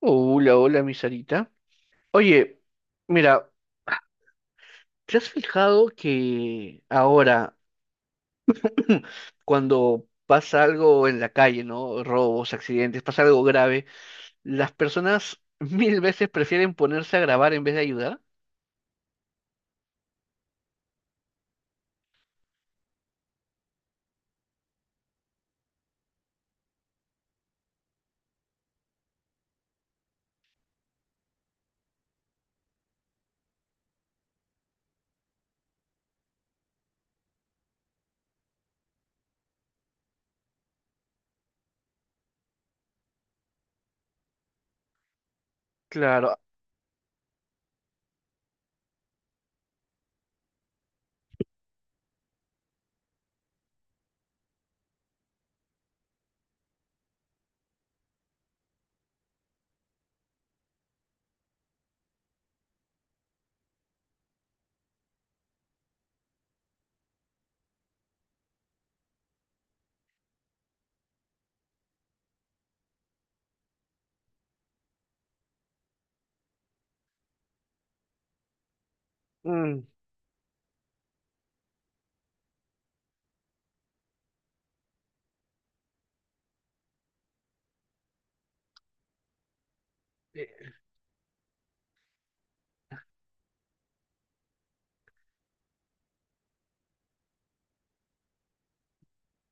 Hola, hola, mi Sarita. Oye, mira, ¿te has fijado que ahora, cuando pasa algo en la calle? ¿No? Robos, accidentes, pasa algo grave, las personas mil veces prefieren ponerse a grabar en vez de ayudar. Claro. Mm.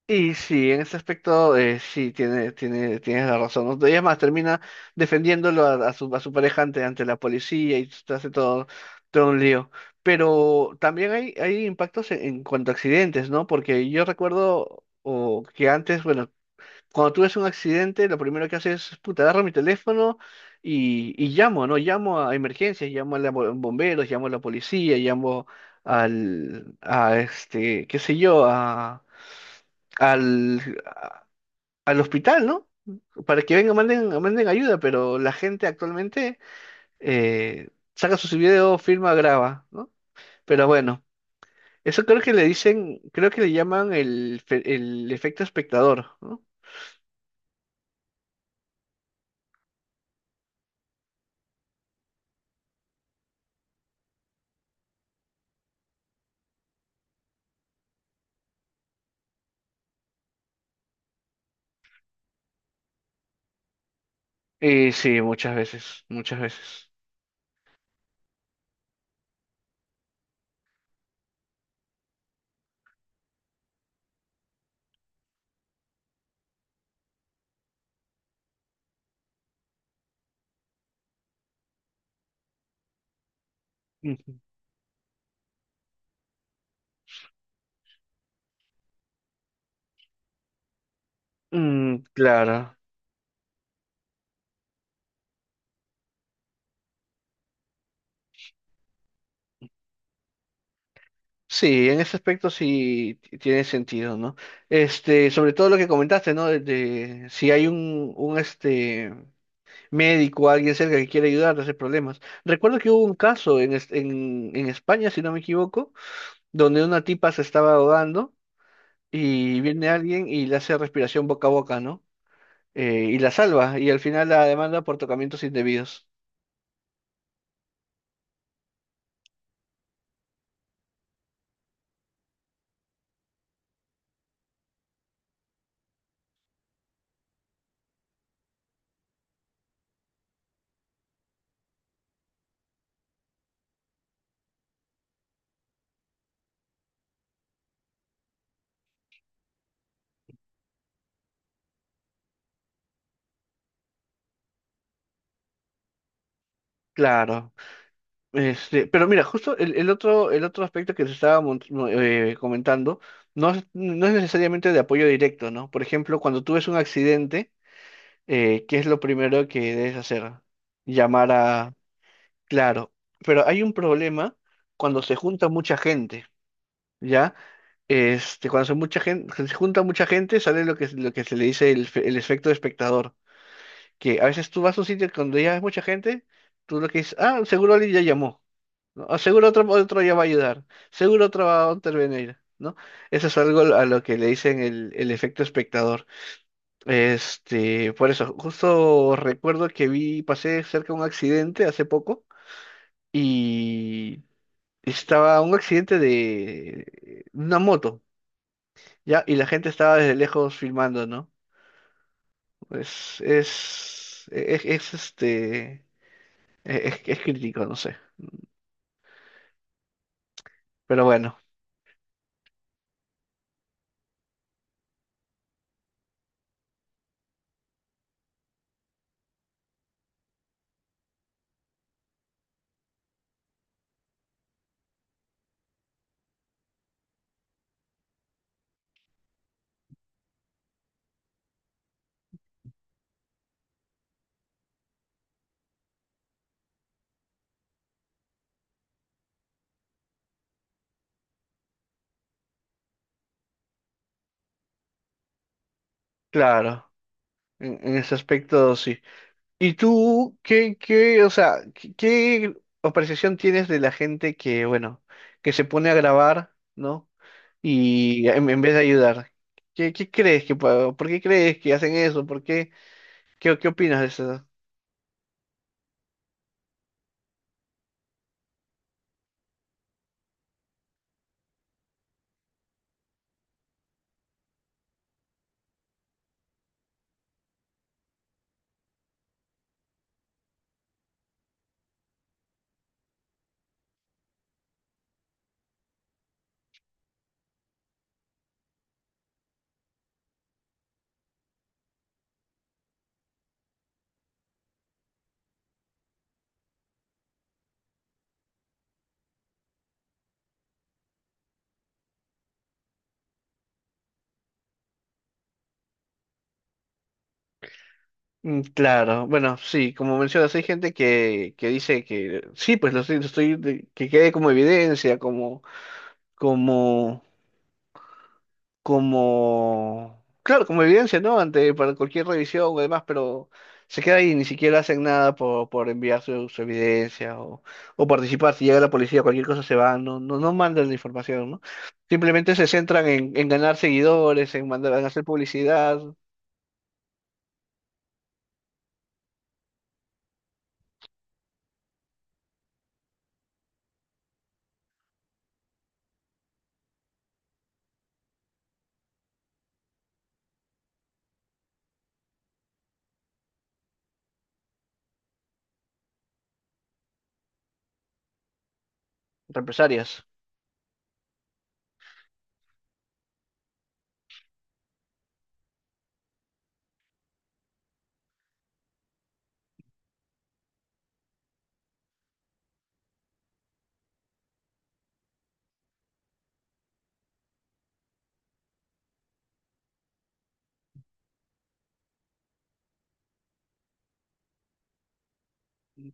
Y sí, en ese aspecto sí, tienes la razón, ¿no? Y es más, termina defendiéndolo a su pareja ante la policía y te hace todo, todo un lío. Pero también hay impactos en cuanto a accidentes, ¿no? Porque yo recuerdo o que antes, bueno, cuando tú ves un accidente, lo primero que haces es, puta, agarro mi teléfono y llamo, ¿no? Llamo a emergencias, llamo a los bomberos, llamo a la policía, llamo a este, qué sé yo, al, a- al hospital, ¿no? Para que vengan, manden ayuda, pero la gente actualmente eh, saca sus videos, filma, graba, ¿no? Pero bueno, eso creo que le dicen, creo que le llaman el, el efecto espectador, ¿no? Y sí, muchas veces, muchas veces. Ujú. Mm, claro. Sí, en ese aspecto sí tiene sentido, ¿no? Este, sobre todo lo que comentaste, ¿no? De si hay un este médico, alguien cerca que quiere ayudar a hacer problemas. Recuerdo que hubo un caso en España, si no me equivoco, donde una tipa se estaba ahogando y viene alguien y le hace respiración boca a boca, ¿no? Y la salva, y al final la demanda por tocamientos indebidos. Claro. Este, pero mira, justo el otro aspecto que te estaba comentando no es, no es necesariamente de apoyo directo, ¿no? Por ejemplo, cuando tú ves un accidente, ¿qué es lo primero que debes hacer? Llamar a... Claro, pero hay un problema cuando se junta mucha gente, ¿ya? Este, cuando se, mucha gente, se junta mucha gente, sale lo que, lo que se le dice el, el efecto de espectador, que a veces tú vas a un sitio cuando ya hay mucha gente, tú lo que dices, ah, seguro alguien ya llamó, ¿no? O seguro otro, otro ya va a ayudar, seguro otro va a intervenir, ¿no? Eso es algo a lo que le dicen el efecto espectador. Este, por eso, justo recuerdo que pasé cerca de un accidente hace poco y estaba un accidente de una moto, ¿ya? Y la gente estaba desde lejos filmando, ¿no? Es, este, e, es crítico, no sé. Pero bueno, claro, en ese aspecto sí. ¿Y tú o sea, qué apreciación tienes de la gente que, bueno, que se pone a grabar, ¿no? Y en vez de ayudar, ¿qué, qué crees que, por qué crees que hacen eso? ¿Por qué, qué, qué opinas de eso? Mm. Claro, bueno, sí, como mencionas, hay gente que dice que sí, pues lo estoy, que quede como evidencia, como, como, como, claro, como evidencia, ¿no? Ante para cualquier revisión o demás, pero se queda ahí, ni siquiera hacen nada por enviar su, su evidencia o participar. Si llega la policía, cualquier cosa se va, no, no, no mandan la información, ¿no? Simplemente se centran en ganar seguidores, en mandar, en hacer publicidad, represalias.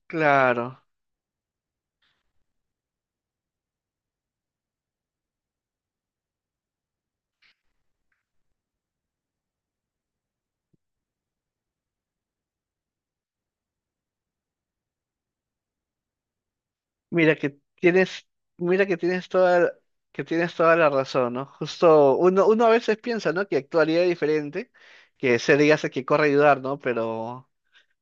Claro. Mira que tienes, mira que tienes toda la razón, ¿no? Justo uno, uno a veces piensa, ¿no? Que actuaría diferente, que se diga que corre a ayudar, ¿no? Pero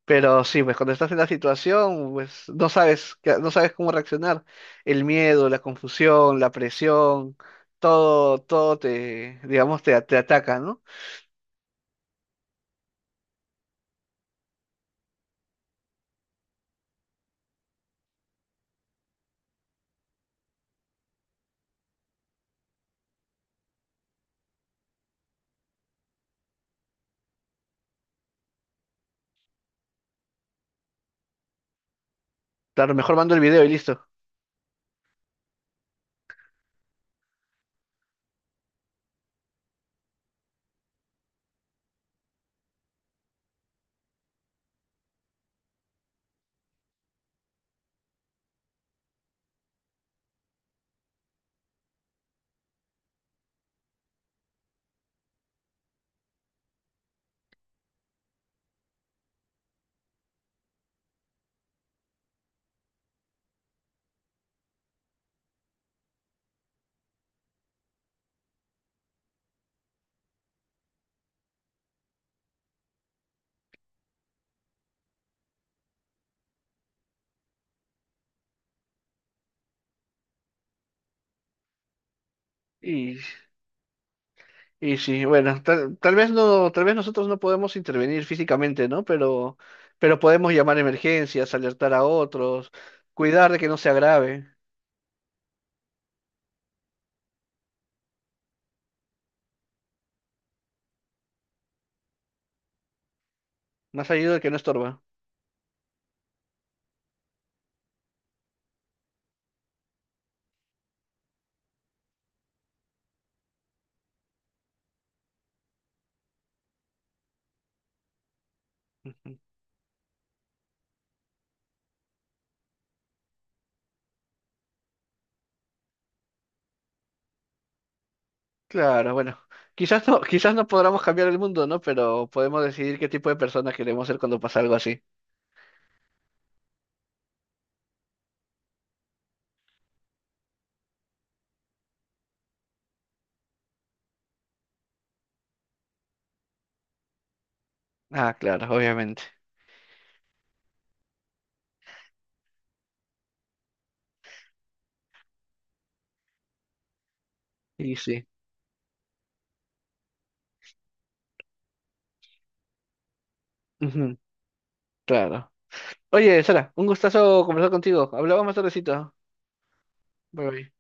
Pero sí, pues cuando estás en la situación, pues no sabes, no sabes cómo reaccionar. El miedo, la confusión, la presión, todo, todo te, digamos, te ataca, ¿no? Claro, mejor mando el video y listo. Y, y sí, bueno, tal vez no, tal vez nosotros no podemos intervenir físicamente, ¿no? Pero podemos llamar a emergencias, alertar a otros, cuidar de que no se agrave, más allá de que no estorba. Claro, bueno, quizás no podamos cambiar el mundo, ¿no? Pero podemos decidir qué tipo de persona queremos ser cuando pasa algo así. Ah, claro, obviamente. Y sí. Ujú, claro. Oye, Sara, un gustazo conversar contigo. Hablamos más tardecito. Bye bye.